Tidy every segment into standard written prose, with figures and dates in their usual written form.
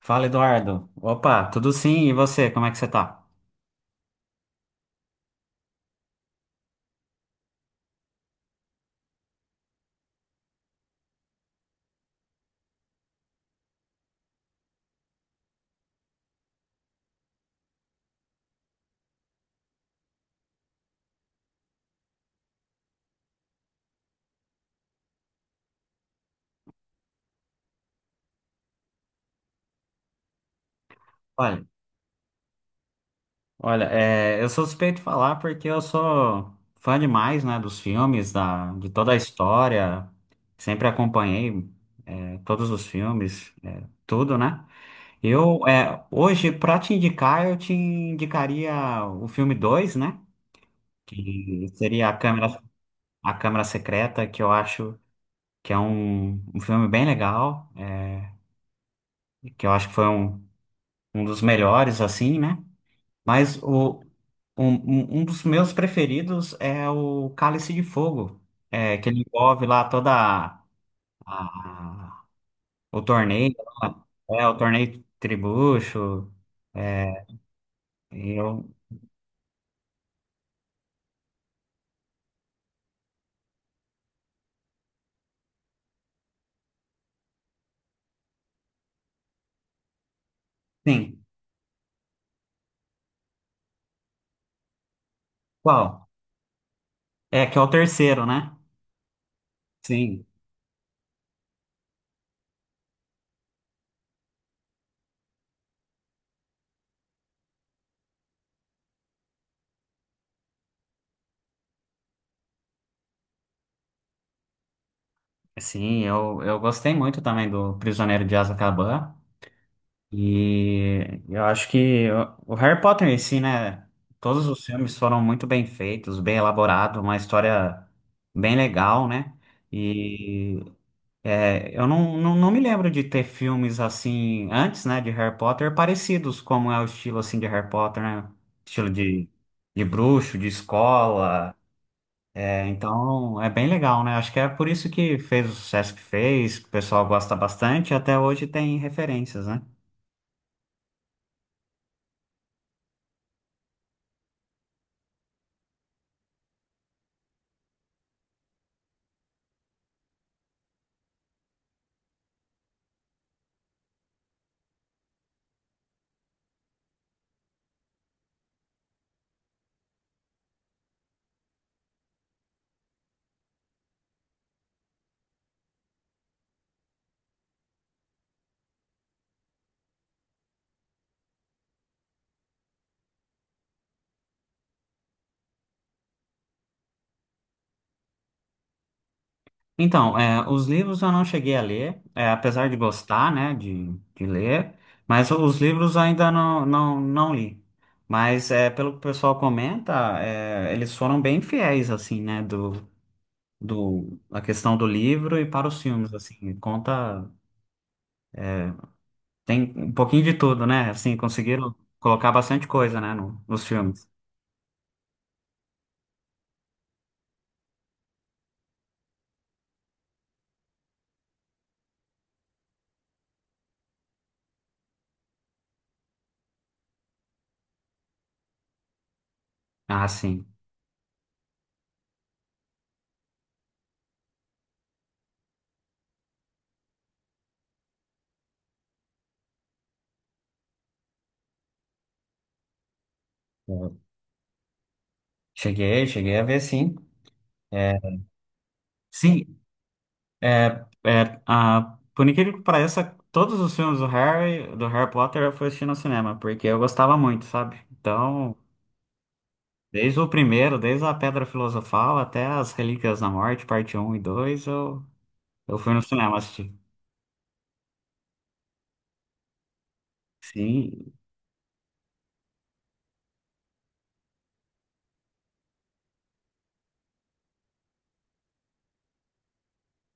Fala, Eduardo. Opa, tudo sim? E você, como é que você tá? Olha, olha, eu sou suspeito de falar porque eu sou fã demais, né, dos filmes, de toda a história. Sempre acompanhei, todos os filmes, tudo, né? Hoje, pra te indicar, eu te indicaria o filme 2, né? Que seria a Câmara Secreta, que eu acho que é um filme bem legal, que eu acho que foi um dos melhores, assim, né? Mas o, um, um um dos meus preferidos é o Cálice de Fogo, que ele envolve lá toda a- o lá, torneio tribucho. é, e Eu, sim. Qual? É, que é o terceiro, né? Sim. Sim, eu gostei muito também do Prisioneiro de Azkaban. E eu acho que o Harry Potter em si, né? Todos os filmes foram muito bem feitos, bem elaborados, uma história bem legal, né? E eu não me lembro de ter filmes assim antes, né, de Harry Potter, parecidos como é o estilo assim de Harry Potter, né? Estilo de bruxo, de escola. É, então é bem legal, né? Acho que é por isso que fez o sucesso que fez, que o pessoal gosta bastante, e até hoje tem referências, né? Então, os livros eu não cheguei a ler, apesar de gostar, né, de ler, mas os livros ainda não li. Mas pelo que o pessoal comenta, eles foram bem fiéis, assim, né, a questão do livro e para os filmes, assim, conta, tem um pouquinho de tudo, né, assim, conseguiram colocar bastante coisa, né, nos filmes. Ah, sim. Eu cheguei a ver, sim. É, Sim. Ah, por incrível que pareça, todos os filmes do Harry Potter eu fui assistir no cinema, porque eu gostava muito, sabe? Então, desde o primeiro, desde a Pedra Filosofal até as Relíquias da Morte, parte um e 2 eu fui no cinema assistir. Sim,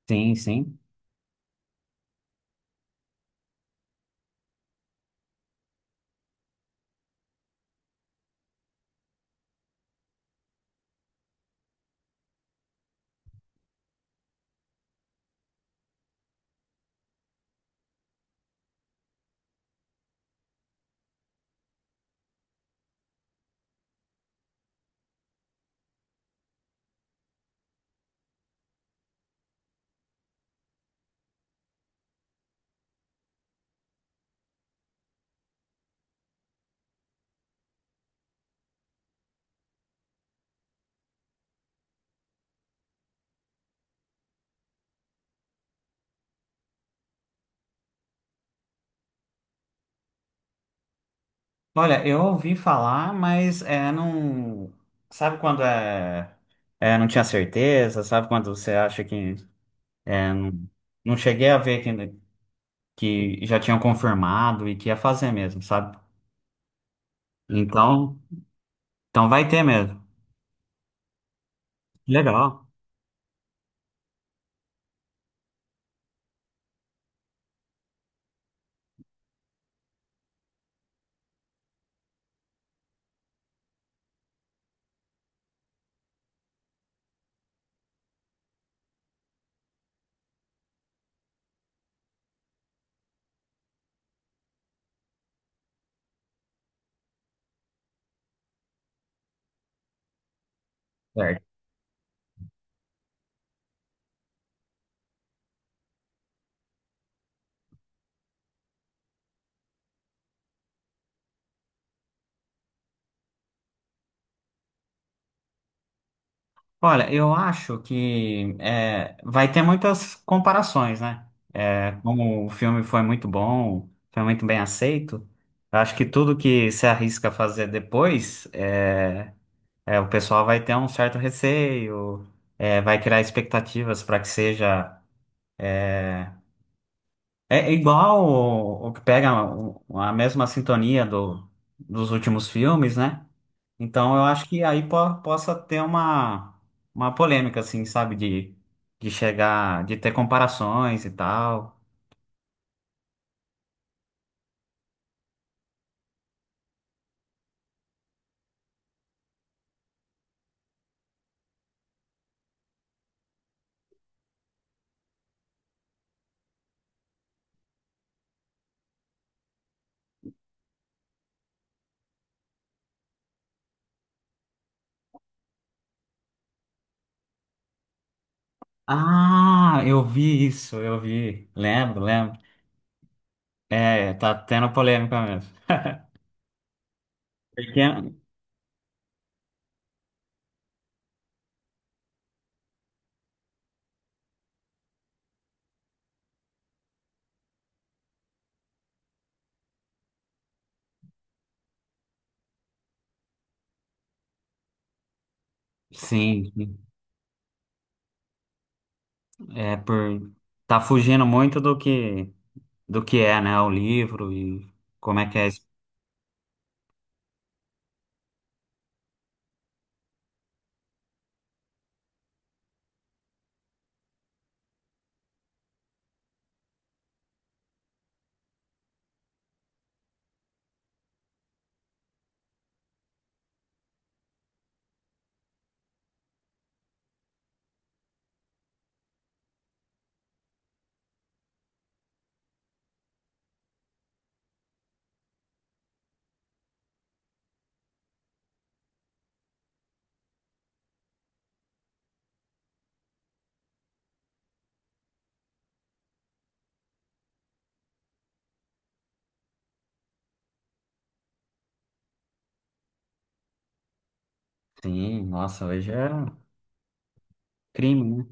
sim, sim. Olha, eu ouvi falar, mas é, não. Sabe quando não tinha certeza? Sabe quando você acha que. Não, não cheguei a ver que já tinham confirmado e que ia fazer mesmo, sabe? Então, então, vai ter mesmo. Legal. Certo. Olha, eu acho que vai ter muitas comparações, né? Como o filme foi muito bom, foi muito bem aceito, eu acho que tudo que se arrisca a fazer depois, o pessoal vai ter um certo receio, vai criar expectativas para que seja. É igual o que pega a mesma sintonia dos últimos filmes, né? Então eu acho que aí possa ter uma polêmica, assim, sabe? De chegar, de ter comparações e tal. Ah, eu vi isso, eu vi. Lembro, lembro. É, tá tendo polêmica mesmo. Porque, sim, é por tá fugindo muito do que é, né? O livro e como é que é. Isso. Sim, nossa, hoje é. Crime, né?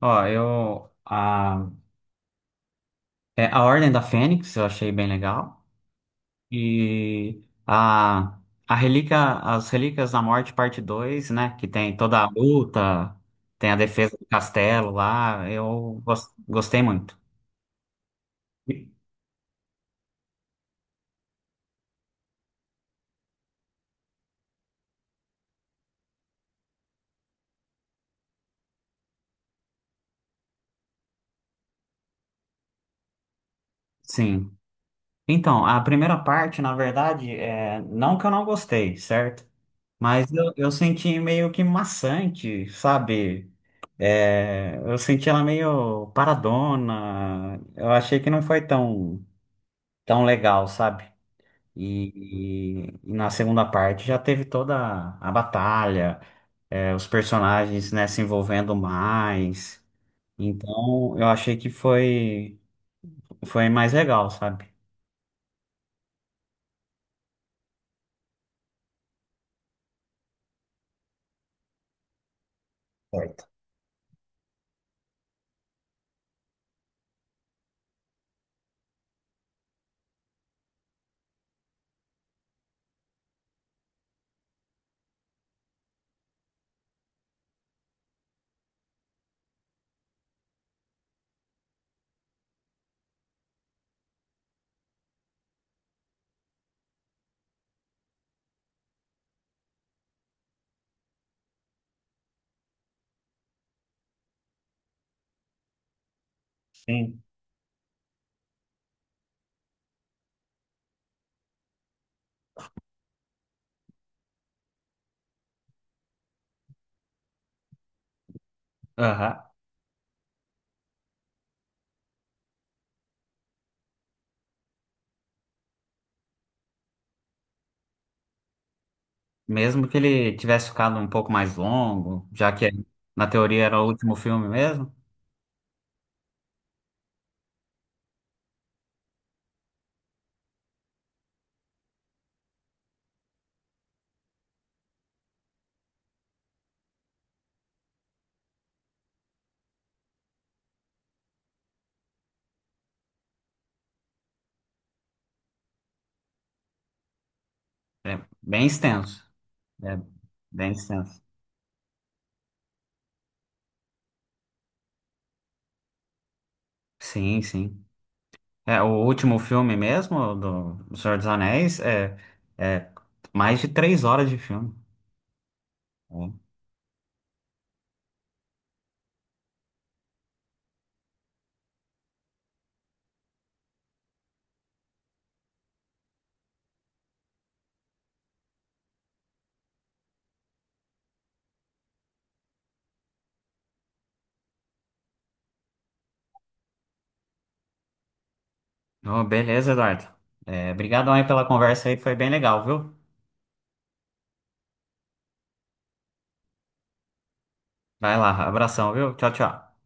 Ó, a Ordem da Fênix eu achei bem legal. E as Relíquias da Morte, parte 2, né? Que tem toda a luta, tem a defesa do castelo lá. Eu gostei muito. E- Sim. Então, a primeira parte, na verdade, não que eu não gostei, certo? Mas eu senti meio que maçante, sabe? Eu senti ela meio paradona. Eu achei que não foi tão, tão legal, sabe? E na segunda parte já teve toda a batalha, os personagens, né, se envolvendo mais. Então eu achei que foi mais legal, sabe? Certo. Sim. Aham. Mesmo que ele tivesse ficado um pouco mais longo, já que na teoria era o último filme mesmo, é bem extenso. É bem extenso. Sim, sim. O último filme mesmo do Senhor dos Anéis é mais de 3 horas de filme. É. Oh, beleza, Eduardo. Obrigadão aí pela conversa aí, foi bem legal, viu? Vai lá, abração, viu? Tchau, tchau.